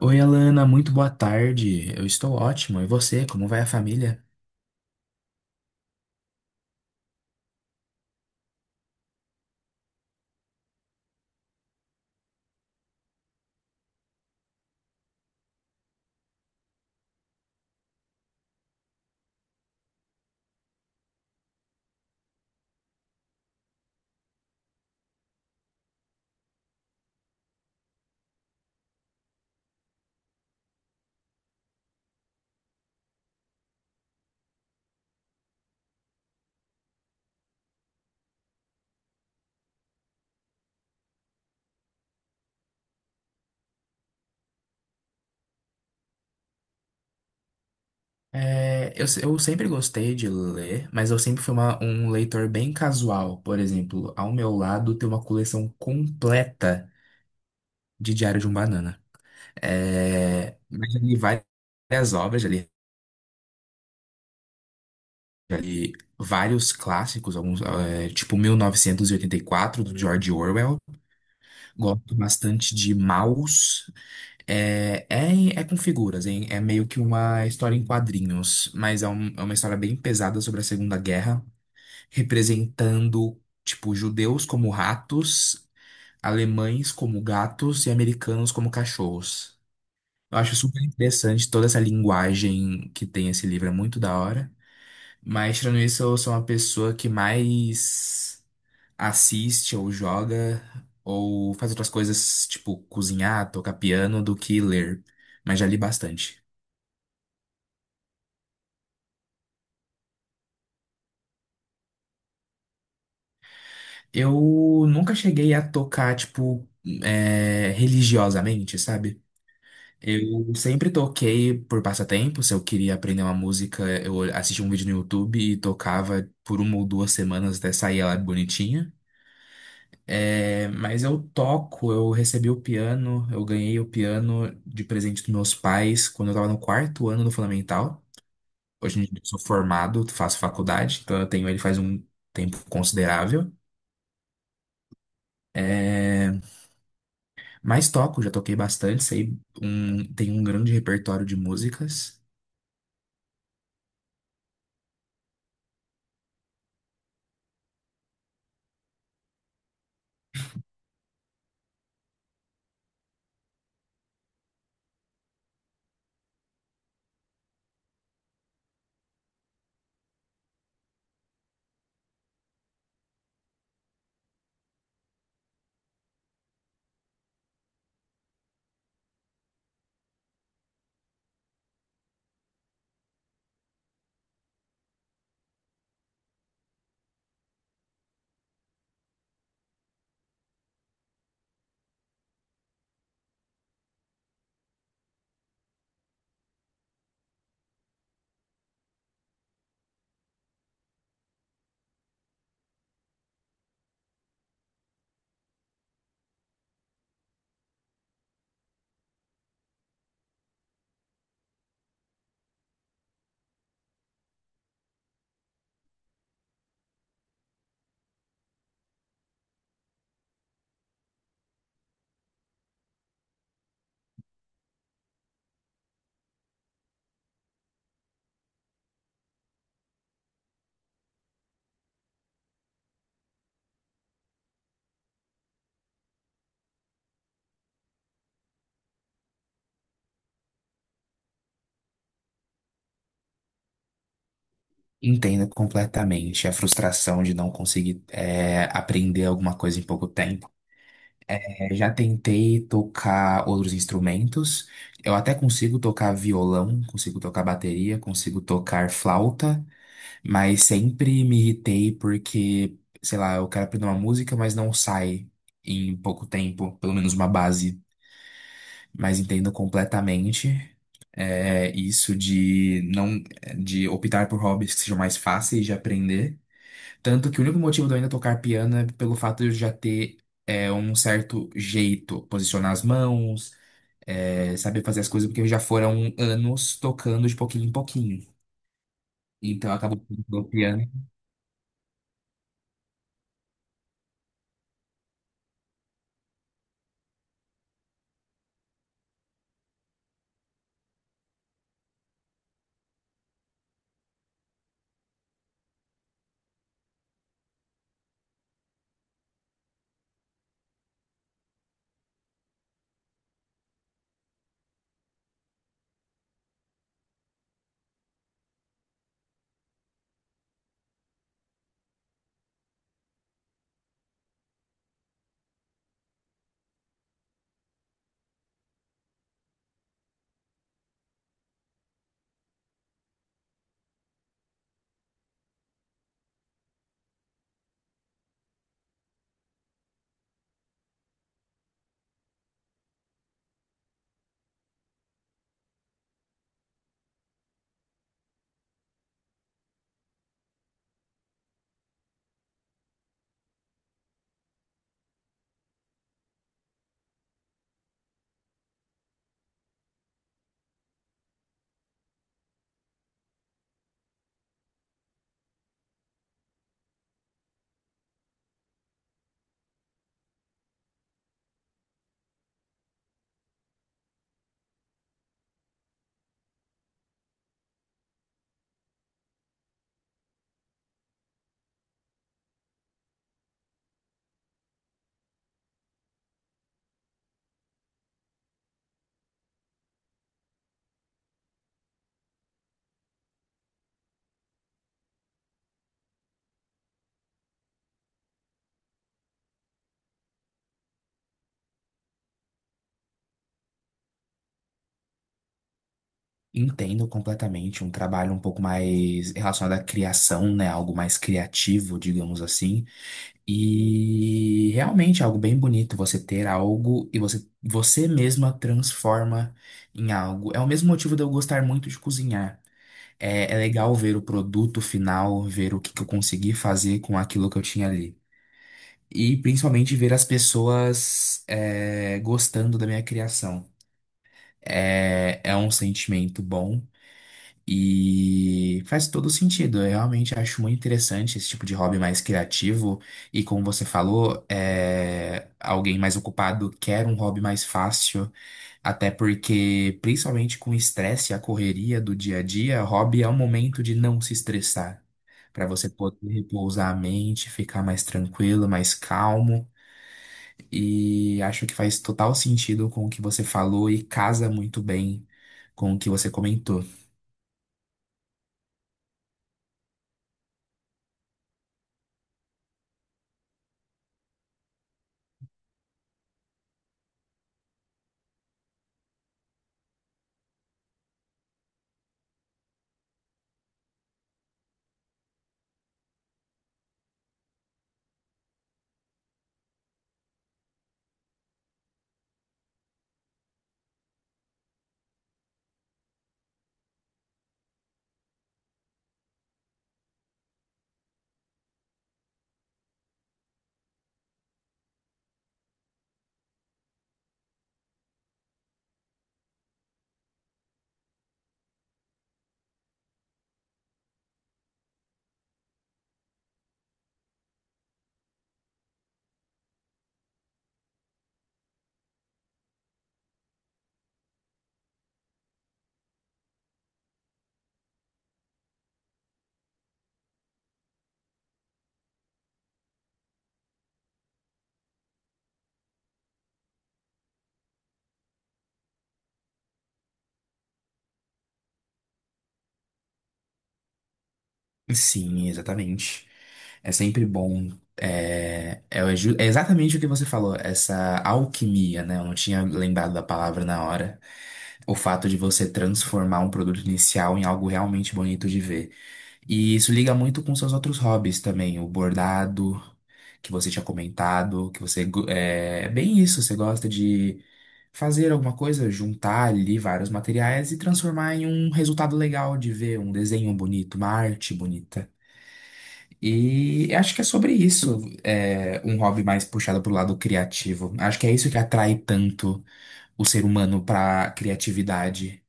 Oi, Alana, muito boa tarde. Eu estou ótimo. E você, como vai a família? É, eu, se- eu sempre gostei de ler, mas eu sempre fui um leitor bem casual. Por exemplo, ao meu lado tem uma coleção completa de Diário de um Banana. É, mas eu li várias obras, já li vários clássicos, alguns, é, tipo 1984, do George Orwell. Gosto bastante de Maus. É com figuras, hein? É meio que uma história em quadrinhos, mas é uma história bem pesada sobre a Segunda Guerra, representando, tipo, judeus como ratos, alemães como gatos e americanos como cachorros. Eu acho super interessante toda essa linguagem que tem esse livro, é muito da hora. Mas, tirando isso, eu sou uma pessoa que mais assiste ou joga ou faz outras coisas, tipo cozinhar, tocar piano, do que ler. Mas já li bastante. Eu nunca cheguei a tocar, tipo, é, religiosamente, sabe? Eu sempre toquei por passatempo. Se eu queria aprender uma música, eu assistia um vídeo no YouTube e tocava por uma ou duas semanas até sair ela bonitinha. É, mas eu toco, eu ganhei o piano de presente dos meus pais quando eu tava no quarto ano do Fundamental. Hoje em dia eu sou formado, faço faculdade, então eu tenho ele faz um tempo considerável. É, mas toco, já toquei bastante, tenho um grande repertório de músicas. Entendo completamente a frustração de não conseguir, é, aprender alguma coisa em pouco tempo. É, já tentei tocar outros instrumentos. Eu até consigo tocar violão, consigo tocar bateria, consigo tocar flauta. Mas sempre me irritei porque, sei lá, eu quero aprender uma música, mas não sai em pouco tempo, pelo menos uma base. Mas entendo completamente, é, isso de não de optar por hobbies que sejam mais fáceis de aprender. Tanto que o único motivo de eu ainda tocar piano é pelo fato de eu já ter, é, um certo jeito, posicionar as mãos, é, saber fazer as coisas, porque já foram anos tocando de pouquinho em pouquinho. Então, eu acabo tocando piano. Entendo completamente um trabalho um pouco mais relacionado à criação, né? Algo mais criativo, digamos assim. E realmente é algo bem bonito você ter algo e você mesma transforma em algo. É o mesmo motivo de eu gostar muito de cozinhar. É, é legal ver o produto final, ver o que que eu consegui fazer com aquilo que eu tinha ali. E principalmente ver as pessoas, é, gostando da minha criação. É, é um sentimento bom. E faz todo sentido. Eu realmente acho muito interessante esse tipo de hobby mais criativo. E como você falou, é, alguém mais ocupado quer um hobby mais fácil. Até porque, principalmente com o estresse e a correria do dia a dia, hobby é um momento de não se estressar. Para você poder repousar a mente, ficar mais tranquilo, mais calmo. E acho que faz total sentido com o que você falou e casa muito bem com o que você comentou. Sim, exatamente. É sempre bom. É exatamente o que você falou, essa alquimia, né? Eu não tinha lembrado da palavra na hora. O fato de você transformar um produto inicial em algo realmente bonito de ver. E isso liga muito com seus outros hobbies também, o bordado, que você tinha comentado, é, é bem isso, você gosta de fazer alguma coisa, juntar ali vários materiais e transformar em um resultado legal de ver, um desenho bonito, uma arte bonita. E acho que é sobre isso, é, um hobby mais puxado pro lado criativo. Acho que é isso que atrai tanto o ser humano para criatividade.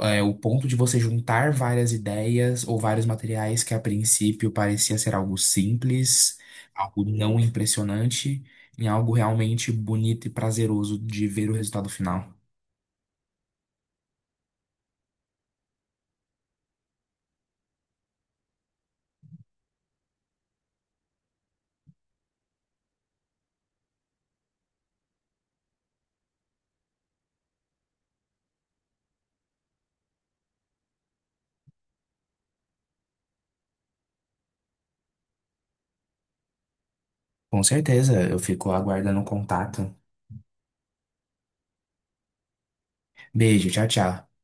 É o ponto de você juntar várias ideias ou vários materiais que a princípio parecia ser algo simples, algo não impressionante, em algo realmente bonito e prazeroso de ver o resultado final. Com certeza, eu fico aguardando o contato. Beijo, tchau, tchau.